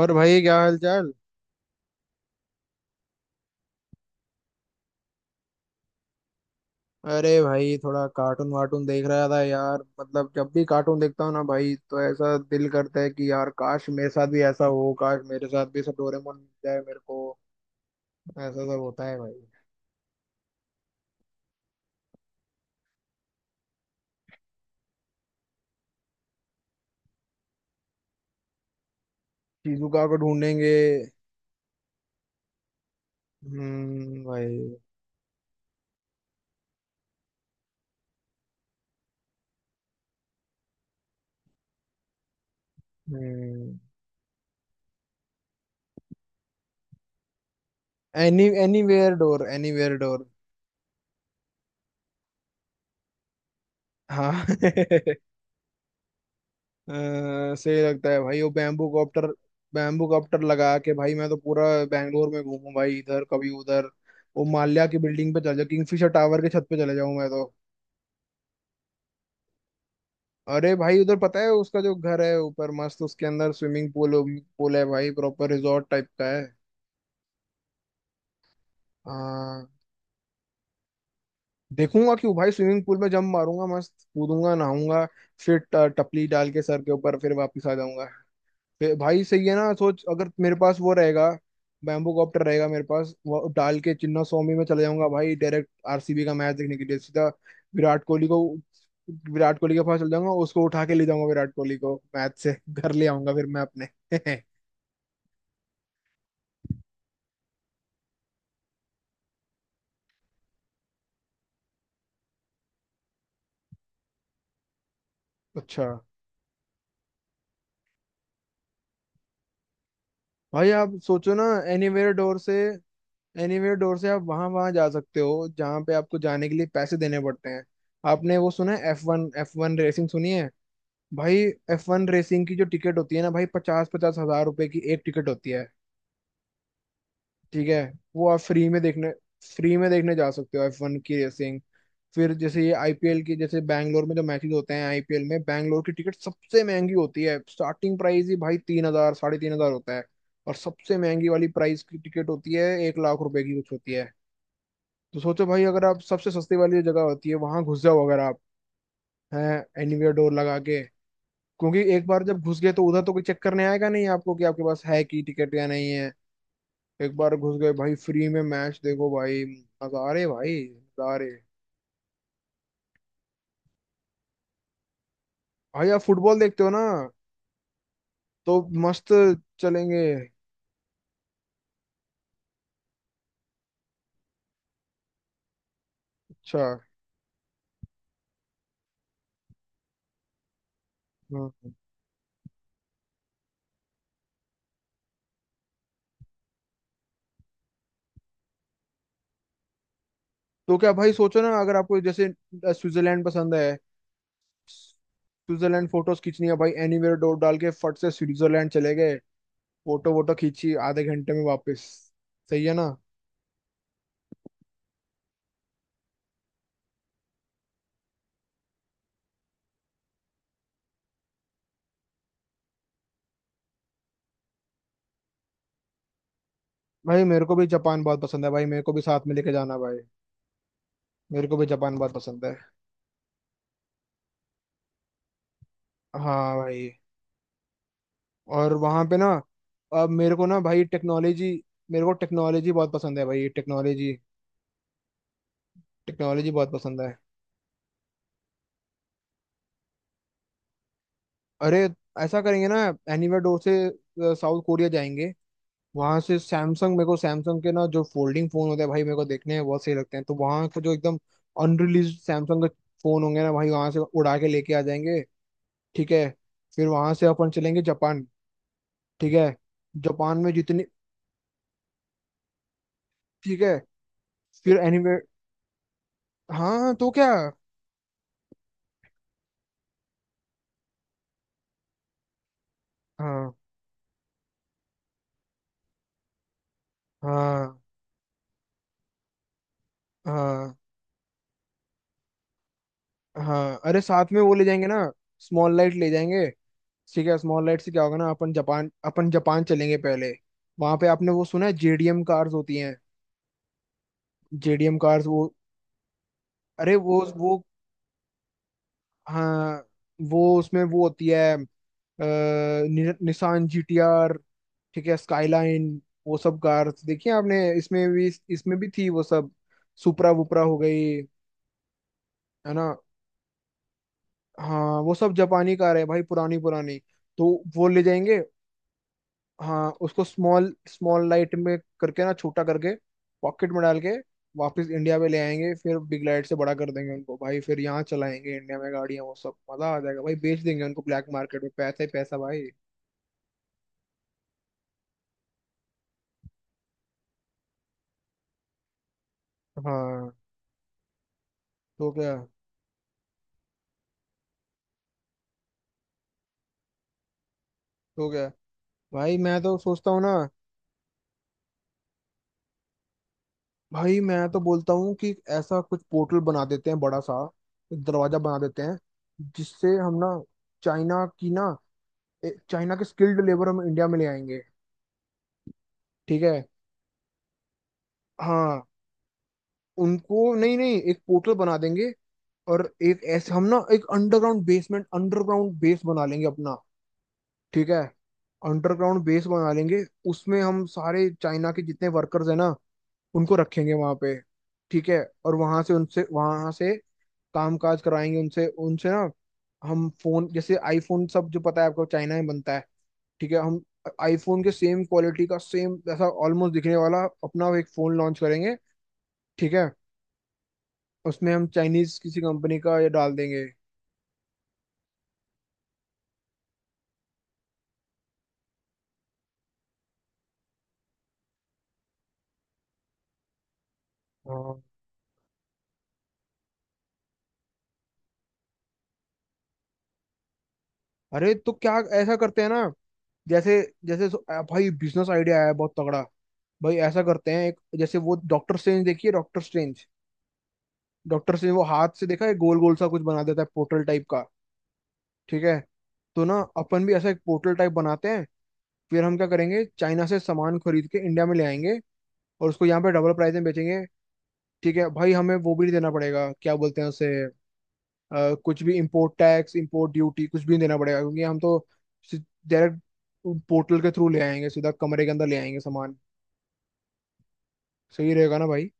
और भाई क्या हाल चाल। अरे भाई थोड़ा कार्टून वार्टून देख रहा था यार, मतलब जब भी कार्टून देखता हूँ ना भाई, तो ऐसा दिल करता है कि यार काश मेरे साथ भी ऐसा हो, काश मेरे साथ भी सब डोरेमोन मिल जाए मेरे को। ऐसा सब होता है भाई। शिजुका को ढूंढेंगे। भाई। हम्म। Anywhere door, anywhere door. हाँ अ, सही लगता है भाई वो बैम्बू कॉप्टर। बैम्बू कॉप्टर लगा के भाई मैं तो पूरा बैंगलोर में घूमूं भाई, इधर कभी उधर। वो माल्या की बिल्डिंग पे चले जाऊँ, किंगफिशर टावर के छत पे चले जाऊं मैं तो। अरे भाई उधर पता है उसका जो घर है ऊपर मस्त, उसके अंदर स्विमिंग पूल, पूल है भाई, प्रॉपर रिजॉर्ट टाइप का है। हाँ। देखूंगा क्यों भाई, स्विमिंग पूल में जंप मारूंगा मस्त, कूदूंगा नहाऊंगा। फिर टपली डाल के सर के ऊपर, फिर वापस आ जाऊंगा। फिर भाई सही है ना, सोच अगर मेरे पास वो रहेगा, बैम्बू कॉप्टर रहेगा मेरे पास, वो डाल के चिन्ना स्वामी में चले जाऊंगा भाई, डायरेक्ट आरसीबी का मैच देखने के लिए, सीधा विराट कोहली को, विराट कोहली के पास चल जाऊंगा, उसको उठा के ले जाऊंगा विराट कोहली को, मैच से घर ले आऊंगा फिर मैं अपने अच्छा। भाई आप सोचो ना, एनीवेयर डोर से, एनीवेयर डोर से आप वहां वहां जा सकते हो जहां पे आपको जाने के लिए पैसे देने पड़ते हैं। आपने वो सुना है, एफ वन रेसिंग सुनी है? भाई एफ वन रेसिंग की जो टिकट होती है ना भाई, पचास पचास हजार रुपए की एक टिकट होती है। ठीक है। वो आप फ्री में देखने जा सकते हो एफ वन की रेसिंग। फिर जैसे ये आईपीएल की, जैसे बैंगलोर में जो मैचेस होते हैं आईपीएल में, बैंगलोर की टिकट सबसे महंगी होती है, स्टार्टिंग प्राइस ही भाई 3,000, 3,500 होता है। और सबसे महंगी वाली प्राइस की टिकट होती है ₹1,00,000 की कुछ होती है। तो सोचो भाई, अगर आप सबसे सस्ती वाली जो जगह होती है वहां घुस जाओ, अगर आप हैं एनीवेयर डोर लगा के। क्योंकि एक बार जब घुस गए तो उधर तो कोई चेक करने आएगा नहीं आपको कि आपके पास है की टिकट या नहीं है। एक बार घुस गए भाई, फ्री में मैच देखो भाई। नजारे भाई नजारे। भाई आप फुटबॉल देखते हो ना, तो मस्त चलेंगे। अच्छा। हाँ तो क्या भाई, सोचो ना अगर आपको जैसे स्विट्जरलैंड पसंद है। स्विट्जरलैंड फोटोज खींचनी है भाई, एनीवेयर डोर डाल के फट से स्विट्जरलैंड चले गए, फोटो वोटो खींची, आधे घंटे में वापस। सही है ना। भाई मेरे को भी जापान बहुत पसंद है भाई, मेरे को भी साथ में लेके जाना भाई, मेरे को भी जापान बहुत पसंद है। हाँ भाई। और वहाँ पे ना, अब मेरे को ना भाई टेक्नोलॉजी, मेरे को टेक्नोलॉजी बहुत पसंद है भाई, टेक्नोलॉजी। टेक्नोलॉजी बहुत पसंद है। अरे ऐसा करेंगे ना, एनीवे डोर से साउथ कोरिया जाएंगे। वहां से सैमसंग, मेरे को सैमसंग के ना जो फोल्डिंग फोन होते हैं भाई मेरे को देखने हैं, बहुत सही लगते हैं, तो वहाँ का जो एकदम अनरिलीज सैमसंग के फोन होंगे ना भाई, वहां से उड़ा के लेके आ जाएंगे। ठीक है। फिर वहां से अपन चलेंगे जापान। ठीक है। जापान में जितनी, ठीक है, फिर एनीवे। हाँ तो क्या। हाँ, हाँ, हाँ, हाँ। अरे साथ में वो ले जाएंगे ना, स्मॉल लाइट ले जाएंगे। ठीक है, स्मॉल लाइट से क्या होगा ना, अपन जापान चलेंगे पहले। वहां पे आपने वो सुना है, जेडीएम कार्स होती हैं, जेडीएम कार्स वो, अरे वो हाँ। वो उसमें वो होती है निसान जीटीआर, ठीक है, स्काईलाइन। वो सब कार्स देखी हैं आपने, इसमें भी, इसमें भी थी वो सब, सुपरा वुपरा हो गई, है ना। हाँ वो सब जापानी कार है भाई, पुरानी पुरानी। तो वो ले जाएंगे। हाँ, उसको स्मॉल स्मॉल लाइट में करके ना छोटा करके, पॉकेट में डाल के वापस इंडिया में ले आएंगे, फिर बिग लाइट से बड़ा कर देंगे उनको भाई, फिर यहाँ चलाएंगे इंडिया में गाड़ियाँ, वो सब मजा आ जाएगा भाई, बेच देंगे उनको ब्लैक मार्केट में, पैसा ही पैसा भाई। हाँ। तो क्या तो क्या भाई, मैं तो सोचता हूँ ना, भाई मैं तो बोलता हूँ कि ऐसा कुछ पोर्टल बना देते हैं बड़ा सा, एक दरवाजा बना देते हैं जिससे हम ना, चाइना की ना, चाइना के स्किल्ड लेबर हम इंडिया में ले आएंगे। ठीक है। हाँ। उनको नहीं नहीं, एक पोर्टल बना देंगे, और एक ऐसे हम ना, एक अंडरग्राउंड बेसमेंट, अंडरग्राउंड बेस बना लेंगे अपना। ठीक है। अंडरग्राउंड बेस बना लेंगे, उसमें हम सारे चाइना के जितने वर्कर्स हैं ना, उनको रखेंगे वहां पे। ठीक है। और वहां से काम काज कराएंगे उनसे, उनसे ना हम फोन, जैसे आईफोन सब जो पता है आपको चाइना में बनता है। ठीक है, हम आईफोन के सेम क्वालिटी का, सेम ऐसा ऑलमोस्ट दिखने वाला अपना एक फोन लॉन्च करेंगे। ठीक है। उसमें हम चाइनीज किसी कंपनी का ये डाल देंगे। हाँ। अरे तो क्या ऐसा करते हैं ना, जैसे जैसे भाई बिजनेस आइडिया आया है बहुत तगड़ा। भाई ऐसा करते हैं, एक जैसे वो डॉक्टर स्ट्रेंज, देखिए डॉक्टर स्ट्रेंज वो हाथ से देखा है, गोल गोल सा कुछ बना देता है, पोर्टल टाइप का। ठीक है। तो ना अपन भी ऐसा एक पोर्टल टाइप बनाते हैं, फिर हम क्या करेंगे, चाइना से सामान खरीद के इंडिया में ले आएंगे और उसको यहाँ पे डबल प्राइस में बेचेंगे। ठीक है भाई, हमें वो भी नहीं देना पड़ेगा, क्या बोलते हैं उसे, कुछ भी इम्पोर्ट टैक्स, इम्पोर्ट ड्यूटी कुछ भी नहीं देना पड़ेगा, क्योंकि हम तो डायरेक्ट पोर्टल के थ्रू ले आएंगे सीधा, कमरे के अंदर ले आएंगे सामान। सही रहेगा ना भाई।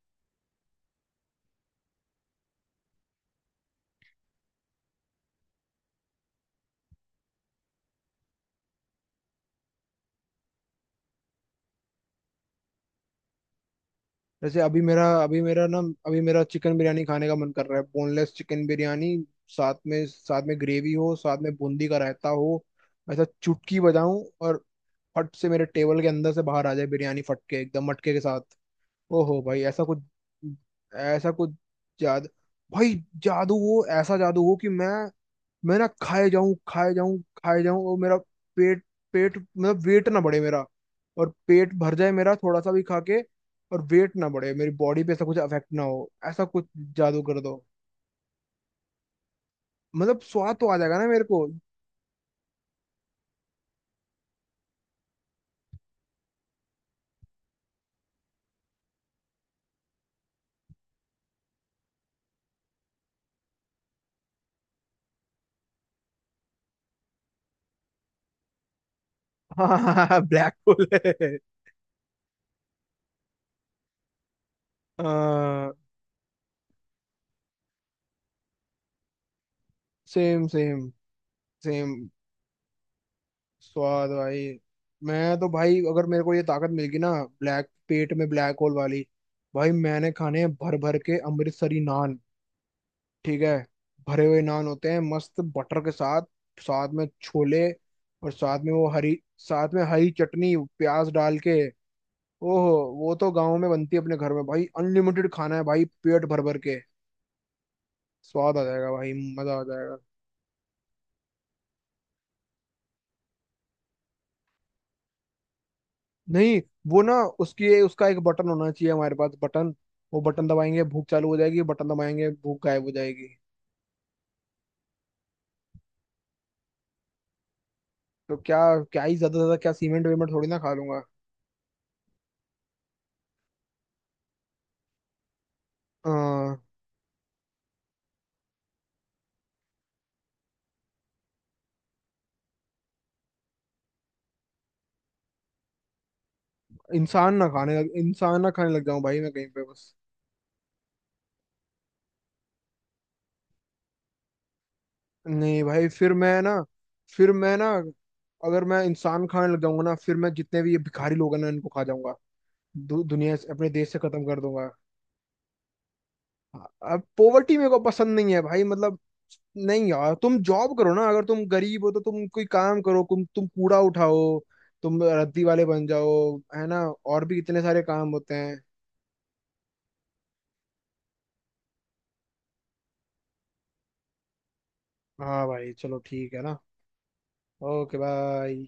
जैसे अभी मेरा चिकन बिरयानी खाने का मन कर रहा है, बोनलेस चिकन बिरयानी, साथ में ग्रेवी हो, साथ में बूंदी का रायता हो, ऐसा चुटकी बजाऊं और फट से मेरे टेबल के अंदर से बाहर आ जाए बिरयानी, फट के एकदम मटके के साथ। ओहो भाई ऐसा कुछ, ऐसा कुछ जादू भाई, जादू, वो ऐसा जादू हो कि मैं ना खाए जाऊं, खाए जाऊं, खाए जाऊं, और मेरा पेट पेट मतलब वेट ना बढ़े मेरा, और पेट भर जाए मेरा थोड़ा सा भी खा के, और वेट ना बढ़े, मेरी बॉडी पे ऐसा कुछ अफेक्ट ना हो, ऐसा कुछ जादू कर दो, मतलब स्वाद तो आ जाएगा ना मेरे को हाँ ब्लैक होल है। हाँ। Same, same, same. स्वाद भाई। मैं तो भाई, अगर मेरे को ये ताकत मिल गई ना, ब्लैक, पेट में ब्लैक होल वाली, भाई मैंने खाने हैं भर भर के अमृतसरी नान। ठीक है। भरे हुए नान होते हैं मस्त, बटर के साथ, साथ में छोले, और साथ में वो हरी, साथ में हरी चटनी प्याज डाल के। ओहो। वो तो गाँव में बनती है अपने घर में भाई, अनलिमिटेड खाना है भाई पेट भर भर के, स्वाद आ जाएगा भाई, मजा आ जाएगा। नहीं वो ना, उसकी, उसका एक बटन होना चाहिए हमारे पास, बटन। वो बटन दबाएंगे भूख चालू हो जाएगी, बटन दबाएंगे भूख गायब हो जाएगी। तो क्या, क्या ही ज्यादा, ज्यादा क्या सीमेंट वेमेंट थोड़ी ना खा लूंगा। आ, इंसान ना खाने लग इंसान ना खाने लग जाऊं भाई मैं कहीं पे बस। नहीं भाई, फिर मैं ना अगर मैं इंसान खाने लग जाऊंगा ना, फिर मैं जितने भी ये भिखारी लोग हैं ना, इनको खा जाऊंगा, दुनिया से, अपने देश से खत्म कर दूंगा। अब पोवर्टी मेरे को पसंद नहीं है भाई, मतलब। नहीं यार, तुम जॉब करो ना, अगर तुम गरीब हो तो तुम कोई काम करो, तुम कूड़ा उठाओ, तुम रद्दी वाले बन जाओ, है ना। और भी इतने सारे काम होते हैं। हाँ भाई, चलो ठीक है ना। Okay bye.